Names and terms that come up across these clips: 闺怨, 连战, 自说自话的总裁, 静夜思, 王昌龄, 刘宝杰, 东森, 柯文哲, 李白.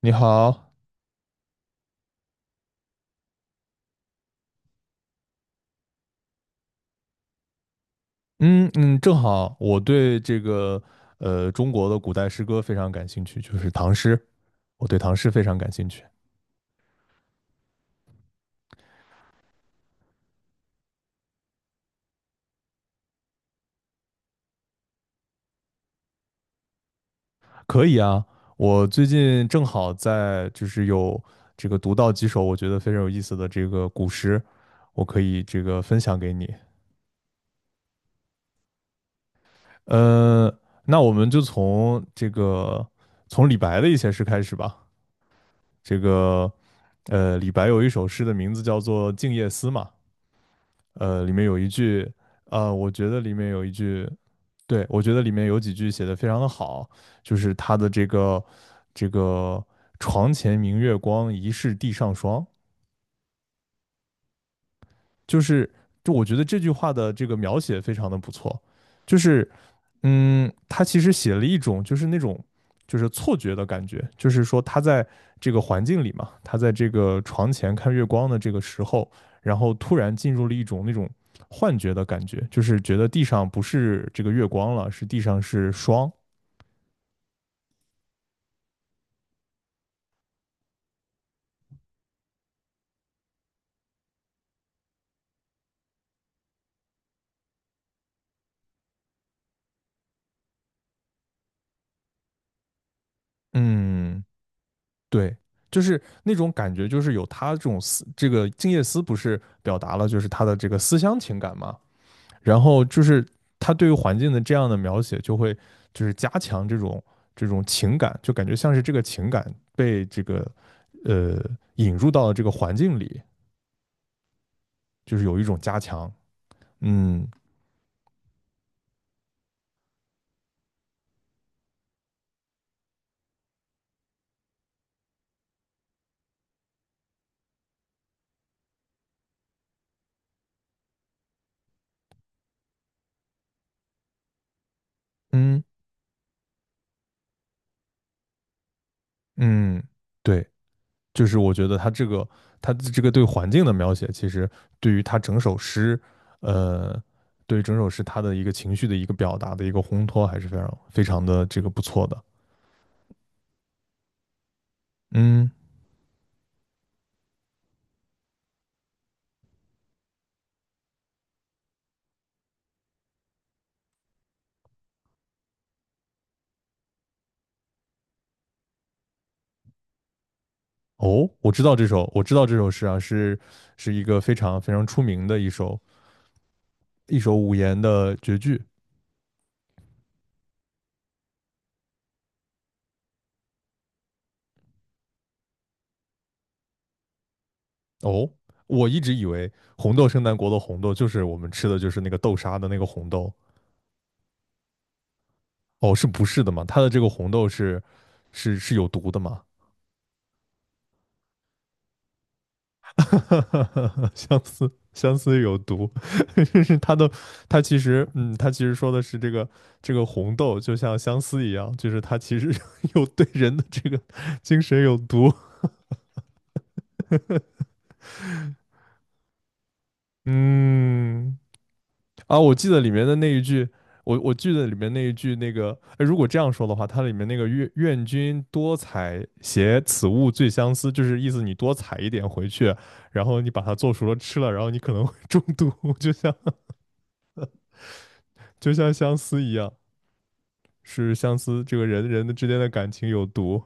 你好。嗯嗯，正好我对中国的古代诗歌非常感兴趣，就是唐诗，我对唐诗非常感兴趣。可以啊，我最近正好在就是有这个读到几首我觉得非常有意思的这个古诗，我可以这个分享给你。呃，那我们就从从李白的一些诗开始吧。这个李白有一首诗的名字叫做《静夜思》嘛。里面有一句，我觉得里面有一句，对，我觉得里面有几句写的非常的好，就是他的这个床前明月光，疑是地上霜。就是就我觉得这句话的这个描写非常的不错，就是他其实写了一种就是那种就是错觉的感觉，就是说他在这个环境里嘛，他在这个床前看月光的这个时候，然后突然进入了一种那种幻觉的感觉，就是觉得地上不是这个月光了，是地上是霜。嗯，对，就是那种感觉，就是有他这种思，这个静夜思不是表达了就是他的这个思乡情感嘛，然后就是他对于环境的这样的描写，就会就是加强这种情感，就感觉像是这个情感被这个呃引入到了这个环境里，就是有一种加强。嗯嗯嗯，对，就是我觉得他这个对环境的描写，其实对于他整首诗，呃，对于整首诗他的一个情绪的一个表达的一个烘托，还是非常非常的这个不错的。嗯。哦，我知道这首，我知道这首诗啊，是是一个非常非常出名的一首五言的绝句。哦，我一直以为红豆生南国的红豆就是我们吃的就是那个豆沙的那个红豆。哦，是不是的嘛？它的这个红豆是是有毒的嘛？相思，相思有毒。就是它的，它其实，它其实说的是这个红豆就像相思一样，就是它其实 有对人的这个精神有毒。嗯，啊，我记得里面的那一句，我记得里面那一句那个，哎如果这样说的话，它里面那个愿君多采撷，此物最相思，就是意思你多采一点回去，然后你把它做熟了吃了，然后你可能会中毒，就像就像相思一样，是相思这个人的之间的感情有毒。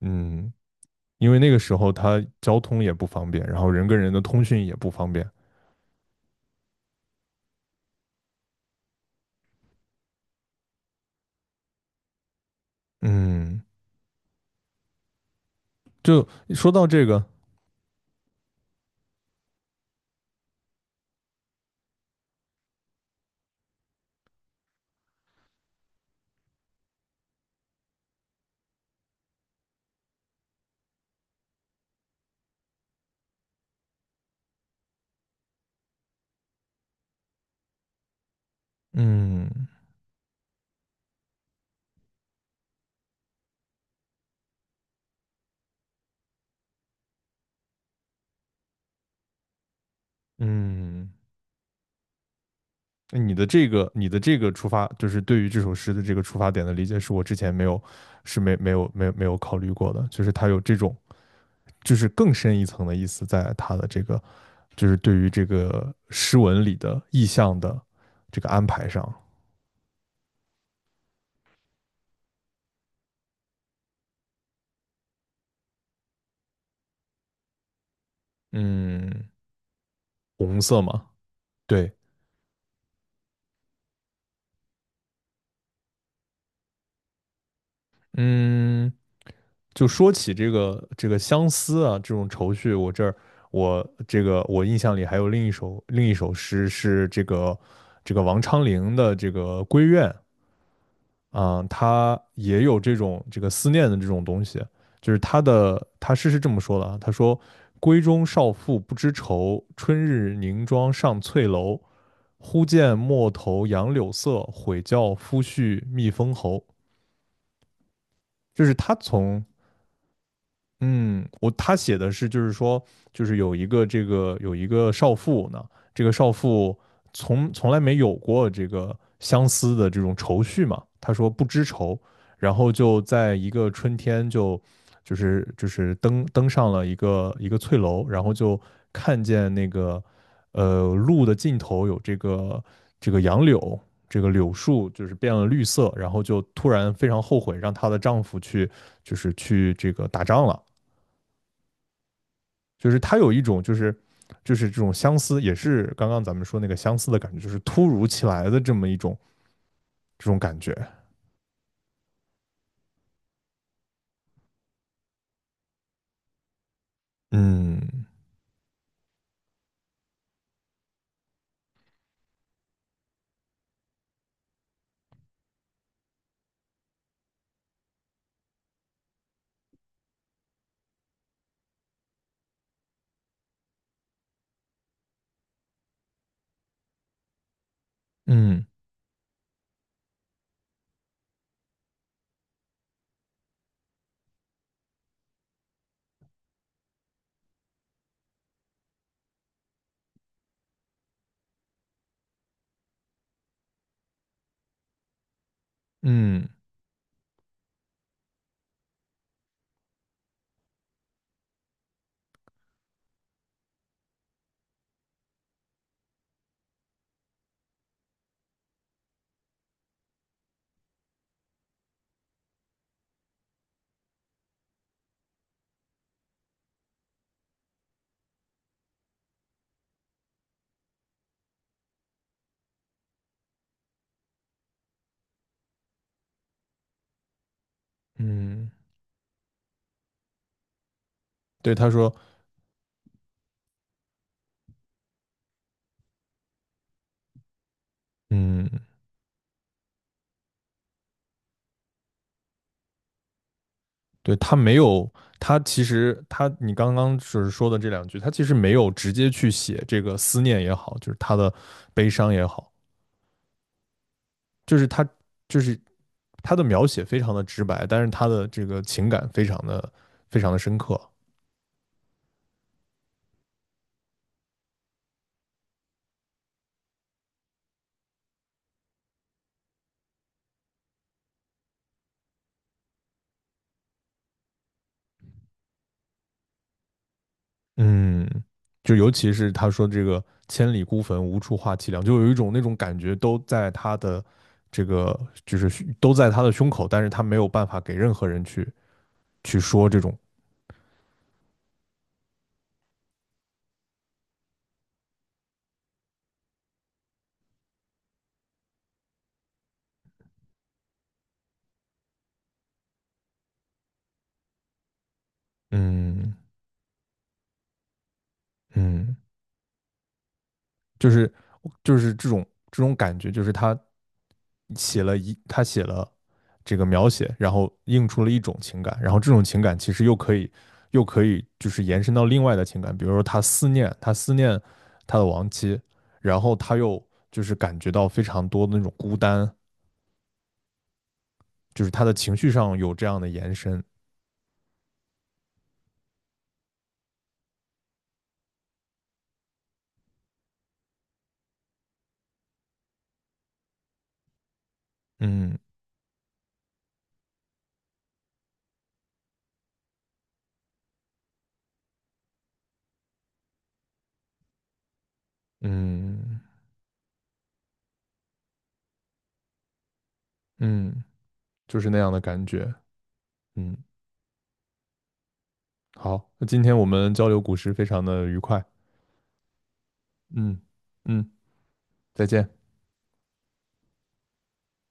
嗯，因为那个时候它交通也不方便，然后人跟人的通讯也不方便。嗯，就说到这个，嗯。嗯，那你的这个，你的这个出发，就是对于这首诗的这个出发点的理解，是我之前没有，是没有考虑过的，就是它有这种，就是更深一层的意思，在它的这个，就是对于这个诗文里的意象的这个安排上。嗯，红色嘛，对。嗯，就说起这个相思啊，这种愁绪，我这儿我这个我印象里还有另一首诗是这个王昌龄的这个《闺怨》啊，他也有这种这个思念的这种东西，就是他诗是这么说的啊，他说：“闺中少妇不知愁，春日凝妆上翠楼。忽见陌头杨柳色，悔教夫婿觅封侯。”就是他从，嗯，我他写的是，就是说，就是有一个这个有一个少妇呢，这个少妇从来没有过这个相思的这种愁绪嘛，她说不知愁，然后就在一个春天就就是登上了一个翠楼，然后就看见那个路的尽头有这个杨柳，这个柳树就是变了绿色，然后就突然非常后悔让她的丈夫去就是去这个打仗了。就是他有一种就是这种相思，也是刚刚咱们说那个相思的感觉，就是突如其来的这么一种这种感觉。嗯嗯嗯嗯，对，他说，嗯，对他没有，他其实他你刚刚就是说的这两句，他其实没有直接去写这个思念也好，就是他的悲伤也好，就是他就是他的描写非常的直白，但是他的这个情感非常的深刻。嗯，就尤其是他说这个“千里孤坟，无处话凄凉”，就有一种那种感觉，都在他的这个，就是胸都在他的胸口，但是他没有办法给任何人去说这种，嗯嗯，就是就是这种这种感觉，就是他写了一他写了这个描写，然后映出了一种情感，然后这种情感其实又可以就是延伸到另外的情感，比如说他思念他的亡妻，然后他又就是感觉到非常多的那种孤单，就是他的情绪上有这样的延伸。嗯嗯嗯,就是那样的感觉。嗯，好，那今天我们交流古诗非常的愉快。嗯嗯。再见。